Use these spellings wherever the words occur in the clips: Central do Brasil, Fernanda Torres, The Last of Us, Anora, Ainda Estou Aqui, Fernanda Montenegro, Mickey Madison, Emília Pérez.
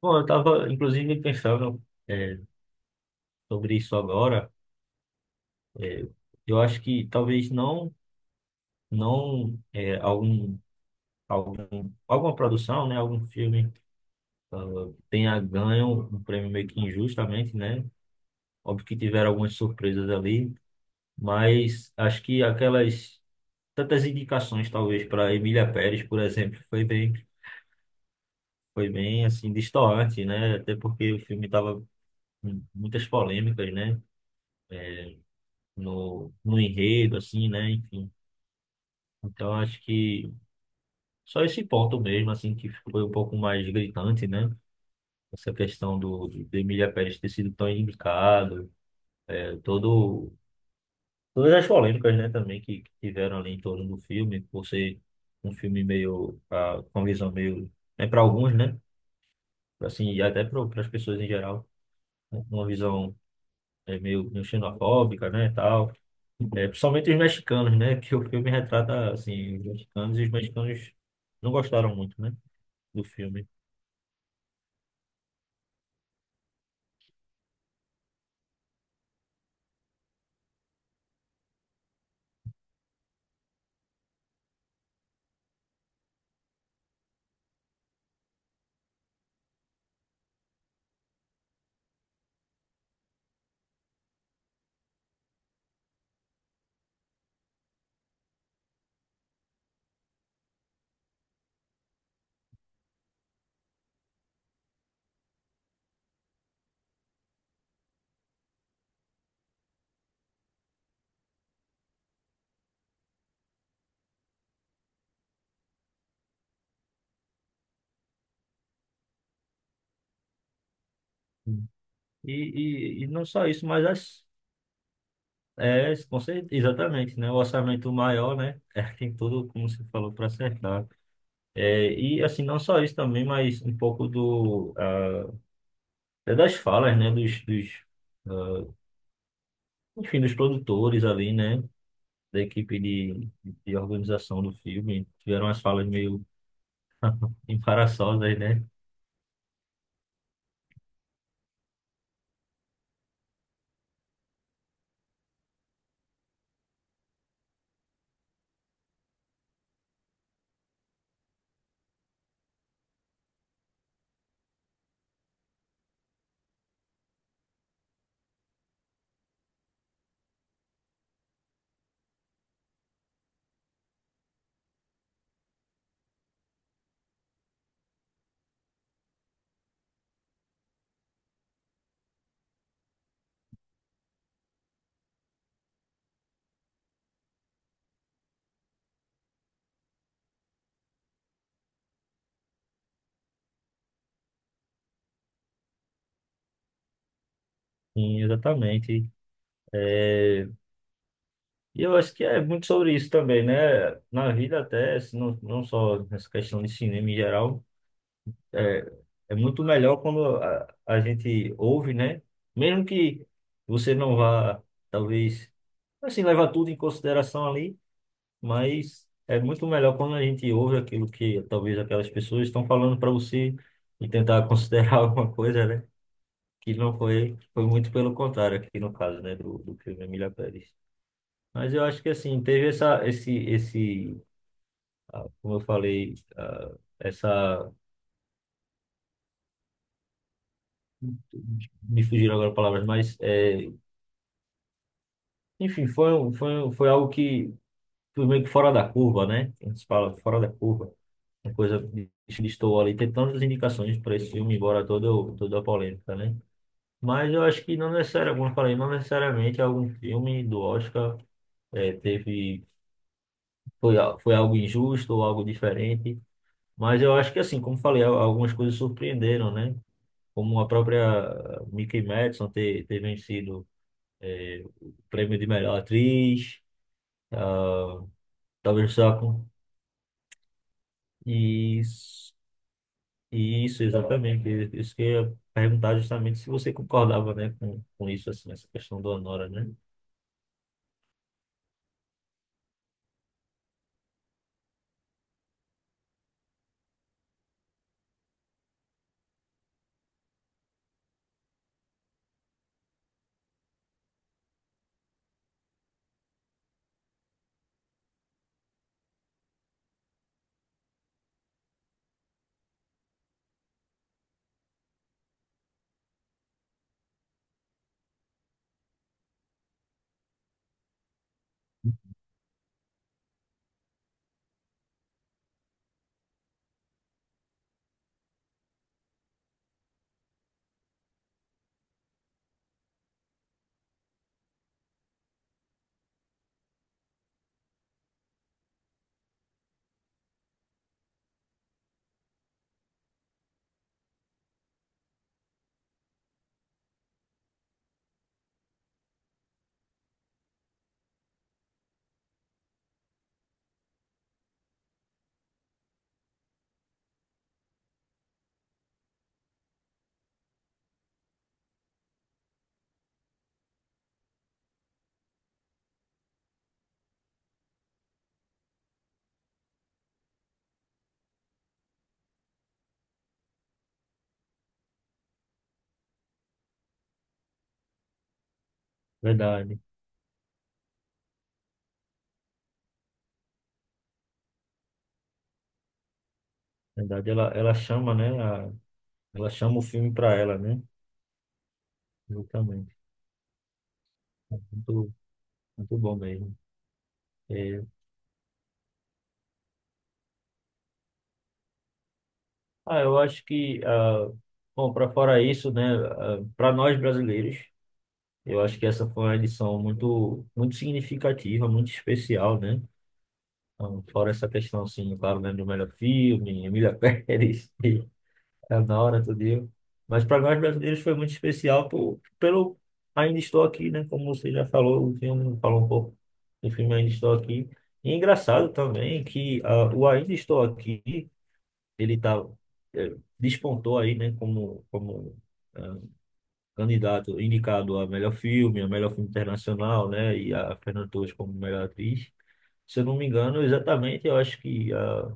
Bom, eu estava inclusive pensando é, sobre isso agora. É, eu acho que talvez não, não é, algum, algum, alguma produção, né, algum filme tenha ganho um prêmio meio que injustamente, né? Óbvio que tiveram algumas surpresas ali, mas acho que aquelas tantas indicações talvez para Emília Pérez, por exemplo, foi bem assim destoante, né? Até porque o filme tava com muitas polêmicas, né? No enredo, assim, né? Enfim. Então, acho que só esse ponto mesmo, assim, que foi um pouco mais gritante, né? Essa questão do Emília Pérez ter sido tão indicado, é, todo, todas as polêmicas, né, também que tiveram ali em torno do filme, por ser um filme meio, com uma visão é para alguns, né? Assim, e até para as pessoas em geral, uma visão meio xenofóbica, né, e tal. É, principalmente os mexicanos, né? Que o filme retrata, assim, os mexicanos, e os mexicanos não gostaram muito, né, do filme. E, e não só isso, mas com certeza, exatamente, né? O orçamento maior, né? É, tem tudo, como você falou, para acertar. É, e, assim, não só isso também, mas um pouco é das falas, né? Ah, enfim, dos produtores ali, né? Da equipe de organização do filme. Tiveram umas falas meio embaraçosas, né? Sim, exatamente. é E eu acho que é muito sobre isso também, né? Na vida até, se não só nessa questão de cinema em geral, é, é muito melhor quando a gente ouve, né? Mesmo que você não vá, talvez, assim, levar tudo em consideração ali, mas é muito melhor quando a gente ouve aquilo que talvez aquelas pessoas estão falando para você e tentar considerar alguma coisa, né? Que não foi, foi muito pelo contrário aqui no caso, né? Do filme Emília Pérez. Mas eu acho que assim, teve essa, esse, ah, como eu falei, me fugiram agora palavras, mas, enfim, foi algo que foi meio que fora da curva, né? A gente fala fora da curva, uma coisa que estou ali, tem tantas indicações para esse filme, embora toda a polêmica, né? Mas eu acho que não necessariamente, como eu falei, não necessariamente algum filme do Oscar eh, teve, foi algo injusto ou algo diferente. Mas eu acho que assim, como falei, algumas coisas surpreenderam, né? Como a própria Mickey Madison ter vencido o prêmio de melhor atriz. ah, Talvez só com isso, isso exatamente. Isso que eu ia perguntar justamente se você concordava, né, com isso assim, essa questão do Anora, né? Verdade, verdade. Ela chama, né? Ela chama o filme para ela, né? Exatamente. Muito, muito bom mesmo. É, eu acho que bom, para fora isso, né, para nós brasileiros, eu acho que essa foi uma edição muito, muito significativa, muito especial, né? Então, fora essa questão, assim, claro, né, do melhor filme, Emília Pérez, e Anora, tudo isso. Mas para nós brasileiros foi muito especial pelo Ainda Estou Aqui, né? Como você já falou, o filme falou um pouco do filme Ainda Estou Aqui. E é engraçado também que o Ainda Estou Aqui, ele tá, despontou aí, né? Como ah, candidato indicado a melhor filme internacional, né? E a Fernanda Torres como melhor atriz. Se eu não me engano, exatamente, eu acho que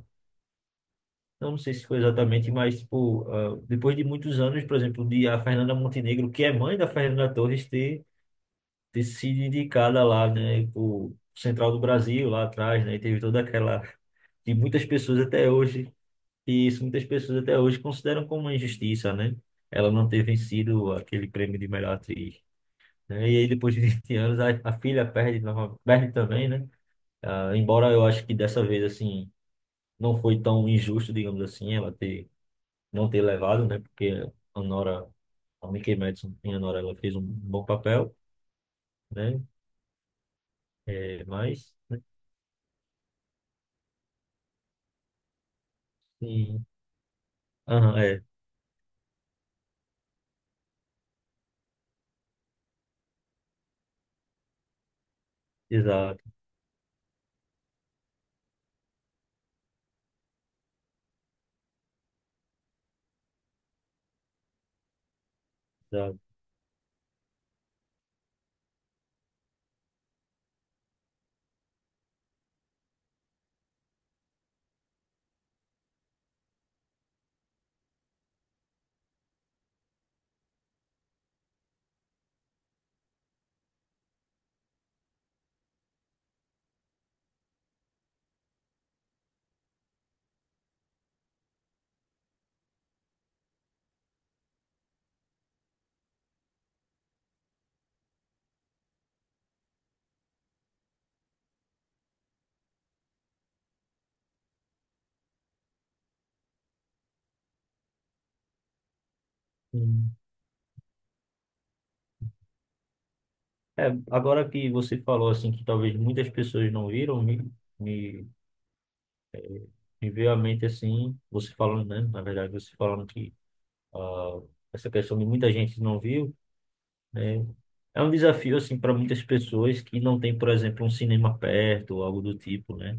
eu não sei se foi exatamente, mas tipo, depois de muitos anos, por exemplo, de a Fernanda Montenegro, que é mãe da Fernanda Torres, ter sido indicada lá, né, por Central do Brasil, lá atrás, né? E teve toda aquela de muitas pessoas até hoje, e isso muitas pessoas até hoje consideram como uma injustiça, né? Ela não ter vencido aquele prêmio de melhor atriz. Né? E aí depois de 20 anos a filha perde, perde também, né? Embora eu acho que dessa vez assim não foi tão injusto, digamos assim, ela ter não ter levado, né? Porque a Nora, a Mikey Madison e a Nora, ela fez um bom papel, né? É, mas sim, aham, é, exato, exato. Hum. É, agora que você falou assim que talvez muitas pessoas não viram, me, me veio à mente assim, você falando, né? Na verdade, você falando que ah, essa questão de muita gente não viu. É, é um desafio assim para muitas pessoas que não tem, por exemplo, um cinema perto ou algo do tipo, né?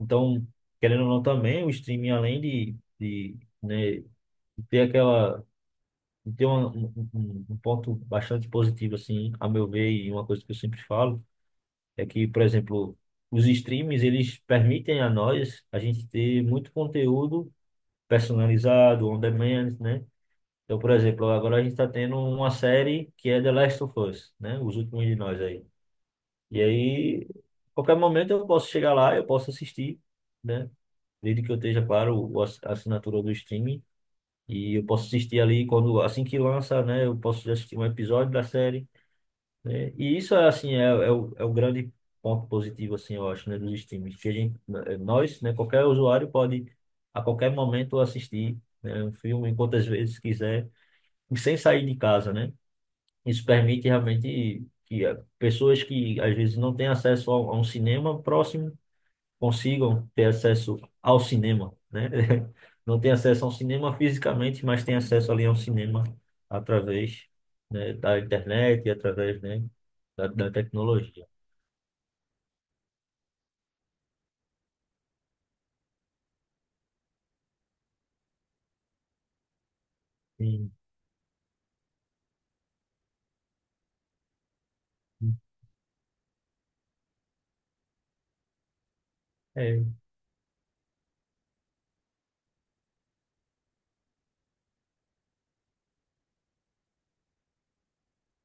Então, querendo ou não também, o streaming além né, de ter aquela de ter um ponto bastante positivo assim, a meu ver, e uma coisa que eu sempre falo é que, por exemplo, os streams eles permitem a nós a gente ter muito conteúdo personalizado, on demand, né? Então, por exemplo, agora a gente está tendo uma série que é The Last of Us, né? Os últimos de nós aí. E aí, qualquer momento eu posso chegar lá, eu posso assistir, né? Desde que eu esteja, claro, a assinatura do streaming. E eu posso assistir ali quando, assim que lança, né? Eu posso já assistir um episódio da série, né? E isso é o grande ponto positivo, assim, eu acho, né? Dos streams. Que a gente, eh, nós, né? Qualquer usuário pode, a qualquer momento, assistir, né, um filme, quantas vezes quiser, e sem sair de casa, né? Isso permite realmente que pessoas que às vezes não têm acesso a a um cinema próximo consigam ter acesso ao cinema, né? Não têm acesso a um cinema fisicamente, mas têm acesso ali a um cinema através, né, da internet e através, né, da tecnologia. Sim. É,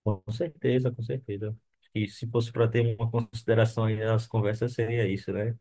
com certeza, com certeza. E se fosse para ter uma consideração aí nas conversas, seria isso, né?